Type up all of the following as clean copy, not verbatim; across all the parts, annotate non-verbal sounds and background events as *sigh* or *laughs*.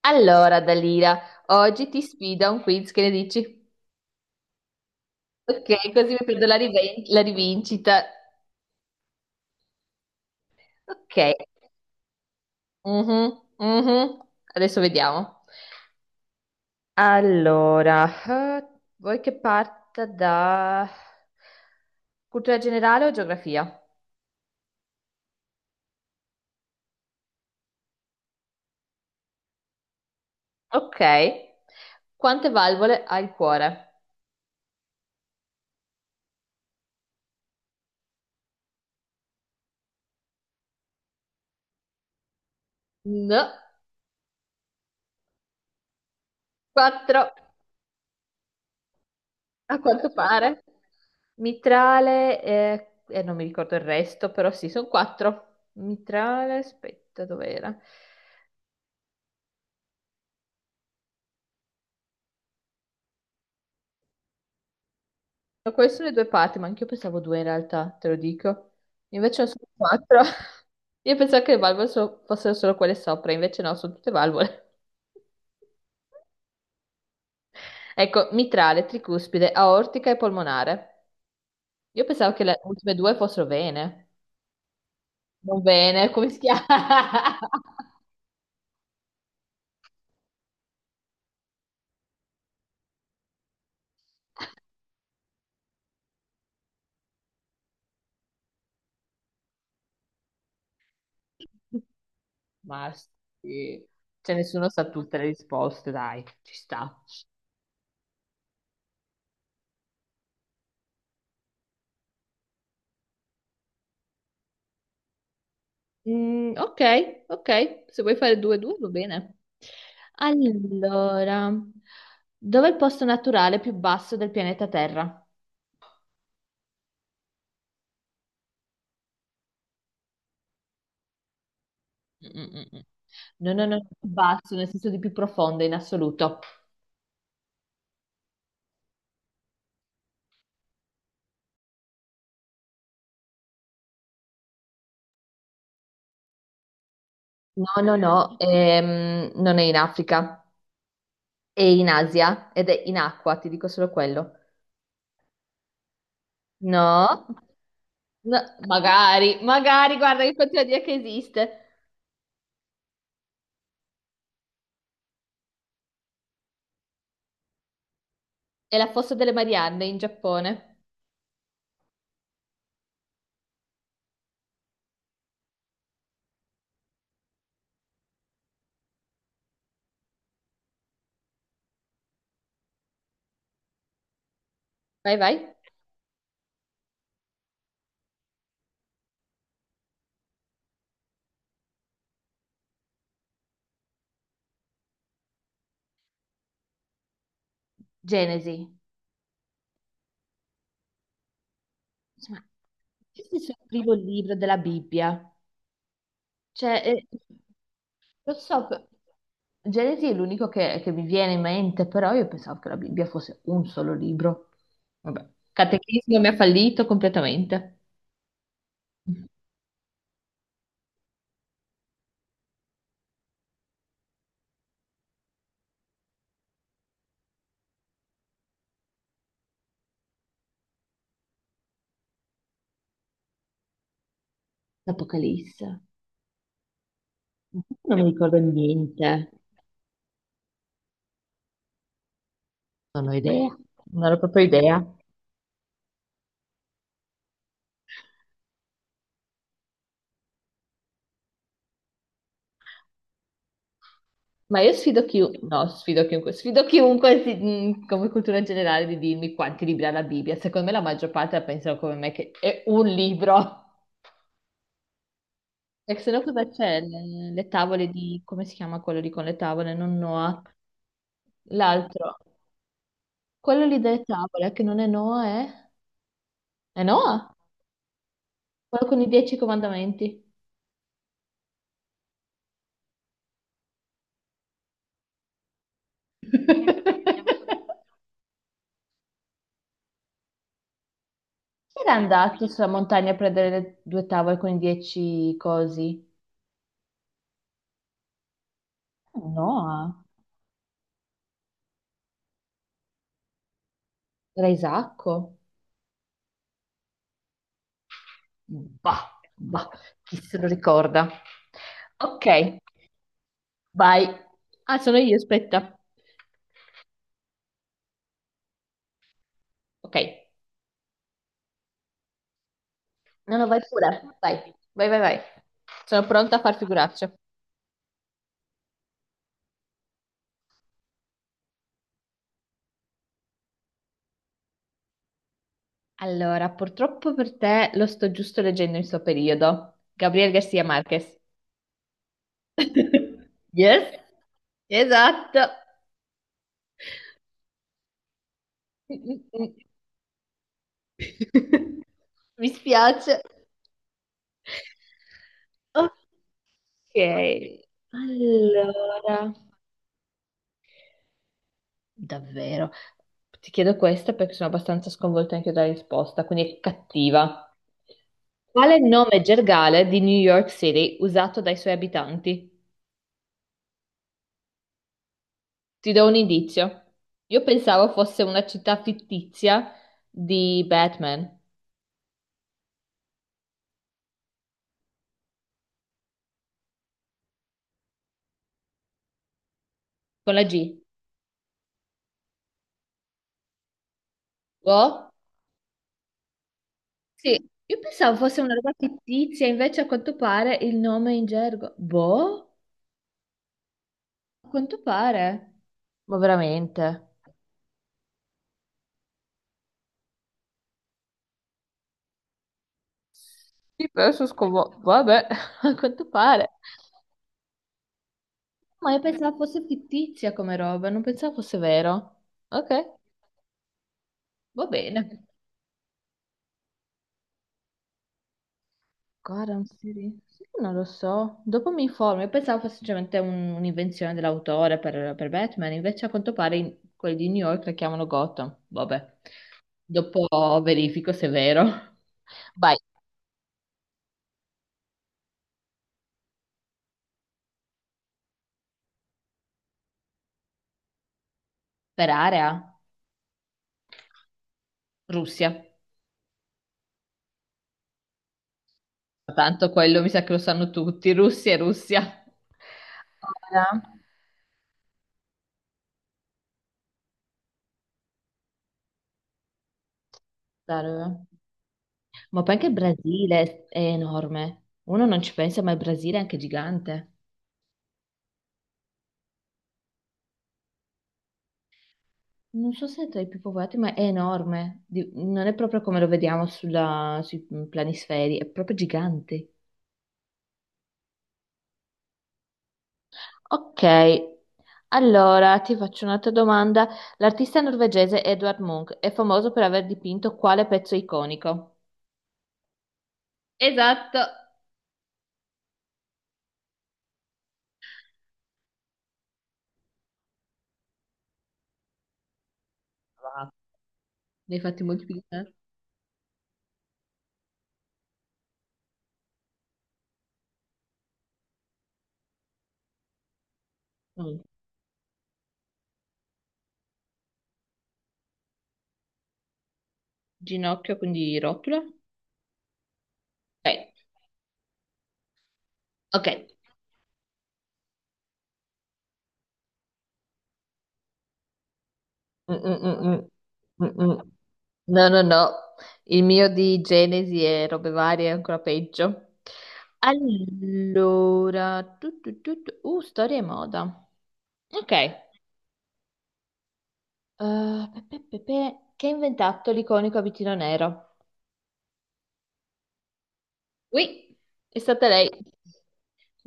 Allora, Dalira, oggi ti sfido a un quiz, che ne dici? Ok, così mi prendo la rivincita. Ok, mhm, mhm. Adesso vediamo. Allora, vuoi che parta da cultura generale o geografia? Ok, quante valvole ha il cuore? No, quattro. A quanto pare. Mitrale e non mi ricordo il resto, però sì, sono quattro. Mitrale, aspetta, dov'era? No, queste sono le due parti, ma anch'io pensavo due in realtà, te lo dico. Invece ne sono quattro. *laughs* Io pensavo che le valvole fossero solo quelle sopra, invece no, sono tutte valvole. *laughs* Ecco, mitrale, tricuspide, aortica e polmonare. Io pensavo che le ultime due fossero vene. Non vene, come si chiama? *laughs* Ma sì, cioè nessuno sa tutte le risposte, dai, ci sta. Mm, ok, ok, se vuoi fare 2-2 va bene. Allora, dov'è il posto naturale più basso del pianeta Terra? Mm, mm, mm. No, no, no, più basso, nel senso di più profondo in assoluto. No, no, no, non è in Africa, è in Asia ed è in acqua, ti dico solo quello. No, no, magari, magari, guarda che continua a dire che esiste. È la fossa delle Marianne in Giappone. Vai, vai. Genesi. Insomma, questo è il suo primo libro della Bibbia. Cioè, lo so, Genesi è l'unico che mi viene in mente, però io pensavo che la Bibbia fosse un solo libro. Vabbè. Catechismo mi ha fallito completamente. Apocalisse. Non mi ricordo niente. Non ho idea. Non ho proprio idea. Ma io sfido chiunque, no, sfido chiunque come cultura generale di dirmi quanti libri ha la Bibbia. Secondo me la maggior parte la pensano come me che è un libro. E se no cosa c'è? Le tavole di, come si chiama quello lì con le tavole? Non Noah. L'altro. Quello lì delle tavole che non è Noah è... È Noah? Quello con i dieci comandamenti. *laughs* Chi era andato sulla montagna a prendere le due tavole con i dieci cosi? Noah. Era Isacco. Bah, bah, chi se lo ricorda? Ok, vai. Ah, sono io, aspetta. Ok, no, no, vai pure. Vai, vai, vai, vai. Sono pronta a far figuracce. Allora, purtroppo per te lo sto giusto leggendo in suo periodo. Gabriel Garcia Marquez. *laughs* Yes, esatto. Mm, mm, mm. *laughs* Mi spiace. Ok, allora. Davvero. Ti chiedo questo perché sono abbastanza sconvolta anche io dalla risposta, quindi è cattiva. Quale nome gergale di New York City usato dai suoi abitanti? Ti do un indizio. Io pensavo fosse una città fittizia di Batman, con la G. Oh? Sì, io pensavo fosse una roba fittizia, invece a quanto pare il nome è in gergo. Boh? A quanto pare. Ma veramente? Sì, però sono sconvolta. Vabbè, *laughs* a quanto pare. Ma io pensavo fosse fittizia come roba, non pensavo fosse vero. Ok, va bene. Guarda, sì, non lo so. Dopo mi informo. Io pensavo fosse semplicemente un'invenzione dell'autore per Batman, invece a quanto pare quelli di New York la chiamano Gotham. Vabbè, dopo verifico se è vero. Vai, per area, Russia. Tanto quello mi sa che lo sanno tutti, Russia e Russia. Ora, dai, dov'è? Ma poi anche il Brasile è enorme. Uno non ci pensa, ma il Brasile è anche gigante. Non so se è tra i più popolati, ma è enorme. Non è proprio come lo vediamo sui planisferi, è proprio gigante. Ok, allora ti faccio un'altra domanda. L'artista norvegese Edvard Munch è famoso per aver dipinto quale pezzo iconico? Esatto. Ah, ne hai fatti moltiplicare? Mm. Ginocchio, quindi rotula? Ok, ok. Mm, mm, mm, mm. Mm, mm. No, no, no, il mio di Genesi e robe varie è ancora peggio. Allora, tu, storia e moda. Ok, Che ha inventato l'iconico abitino nero? Oui, è stata lei.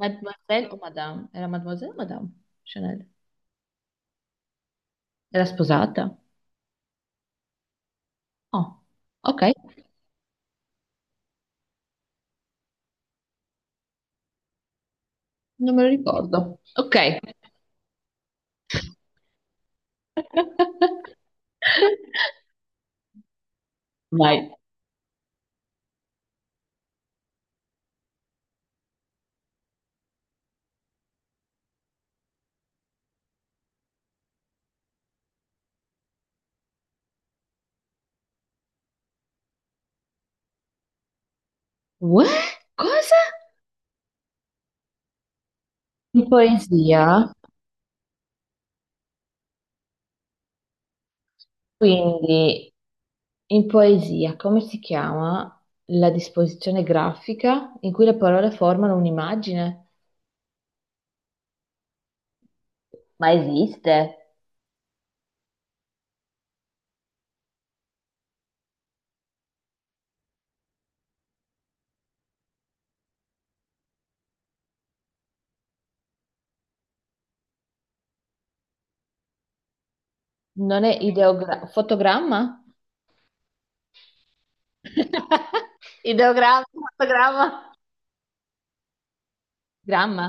Mademoiselle o Madame? Era Mademoiselle o Madame Chanel? Era sposata? Oh, ok, non me lo ricordo. Ok. *laughs* Vai. What? Cosa? Di poesia, quindi in poesia, come si chiama la disposizione grafica in cui le parole formano un'immagine? Ma esiste? Non è ideogramma, fotogramma? *laughs* Ideogramma, fotogramma, gramma.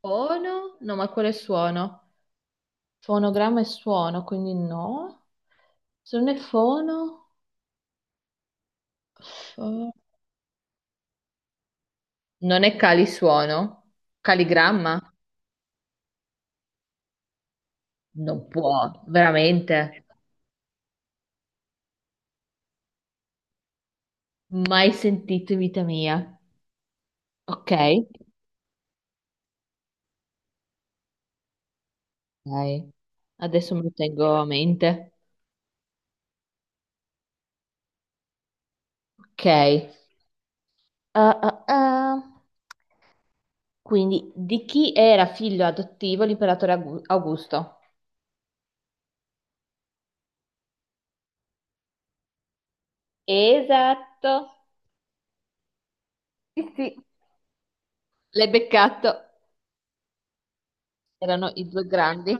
Fono? No, ma quello è suono. Fonogramma è suono, quindi no. Se non è fono, fo- non è calisuono, caligramma. Non può, veramente. Mai sentito in vita mia. Ok, ok. Adesso me lo tengo a mente. Ok. Ah, ah, ah. Quindi, di chi era figlio adottivo l'imperatore Augusto? Esatto. Sì, sì, l'hai beccato. Erano i due grandi.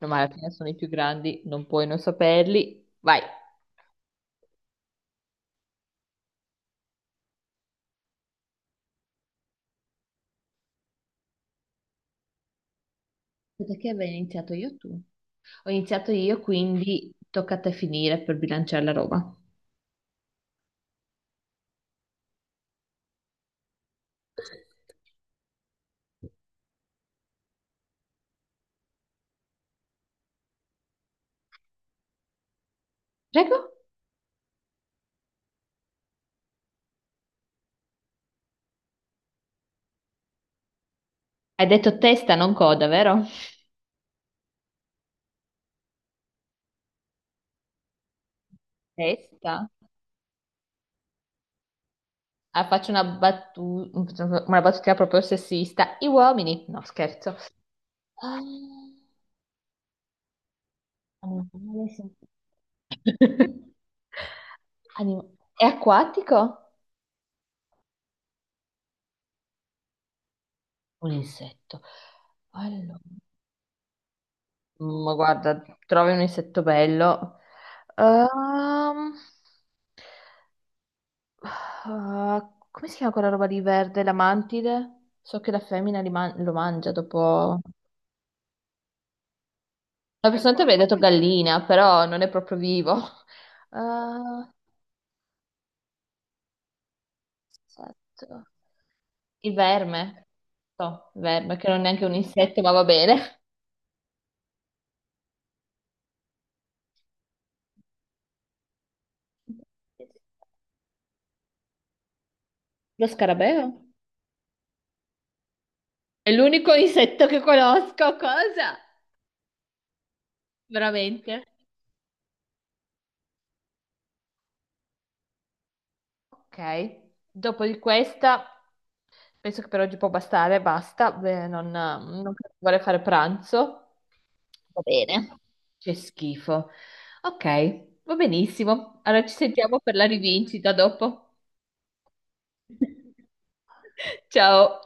No, ma alla fine sono i più grandi, non puoi non saperli. Vai. Perché avevo iniziato io o tu? Ho iniziato io, quindi tocca a te finire per bilanciare la roba. Prego? Hai detto testa, non coda, vero? Testa? Ah, faccio una battuta proprio sessista. I uomini, no, scherzo. Ah, animale sen- *laughs* Anim- È acquatico? Un insetto. Allora, ma guarda, trovi un insetto bello. Ehm, ah, come si chiama quella roba di verde? La mantide? So che la femmina lo mangia dopo. La persona che mi ha detto gallina, però non è proprio vivo. *laughs* Ah, insetto. Il verme. No, verme, che non è neanche un insetto, ma va bene. *laughs* Lo scarabeo? È l'unico insetto che conosco, cosa? Veramente? Ok, dopo di questa, penso che per oggi può bastare, basta. Beh, non vorrei fare pranzo. Va bene. C'è schifo. Ok, va benissimo. Allora ci sentiamo per la rivincita dopo. *laughs* Ciao.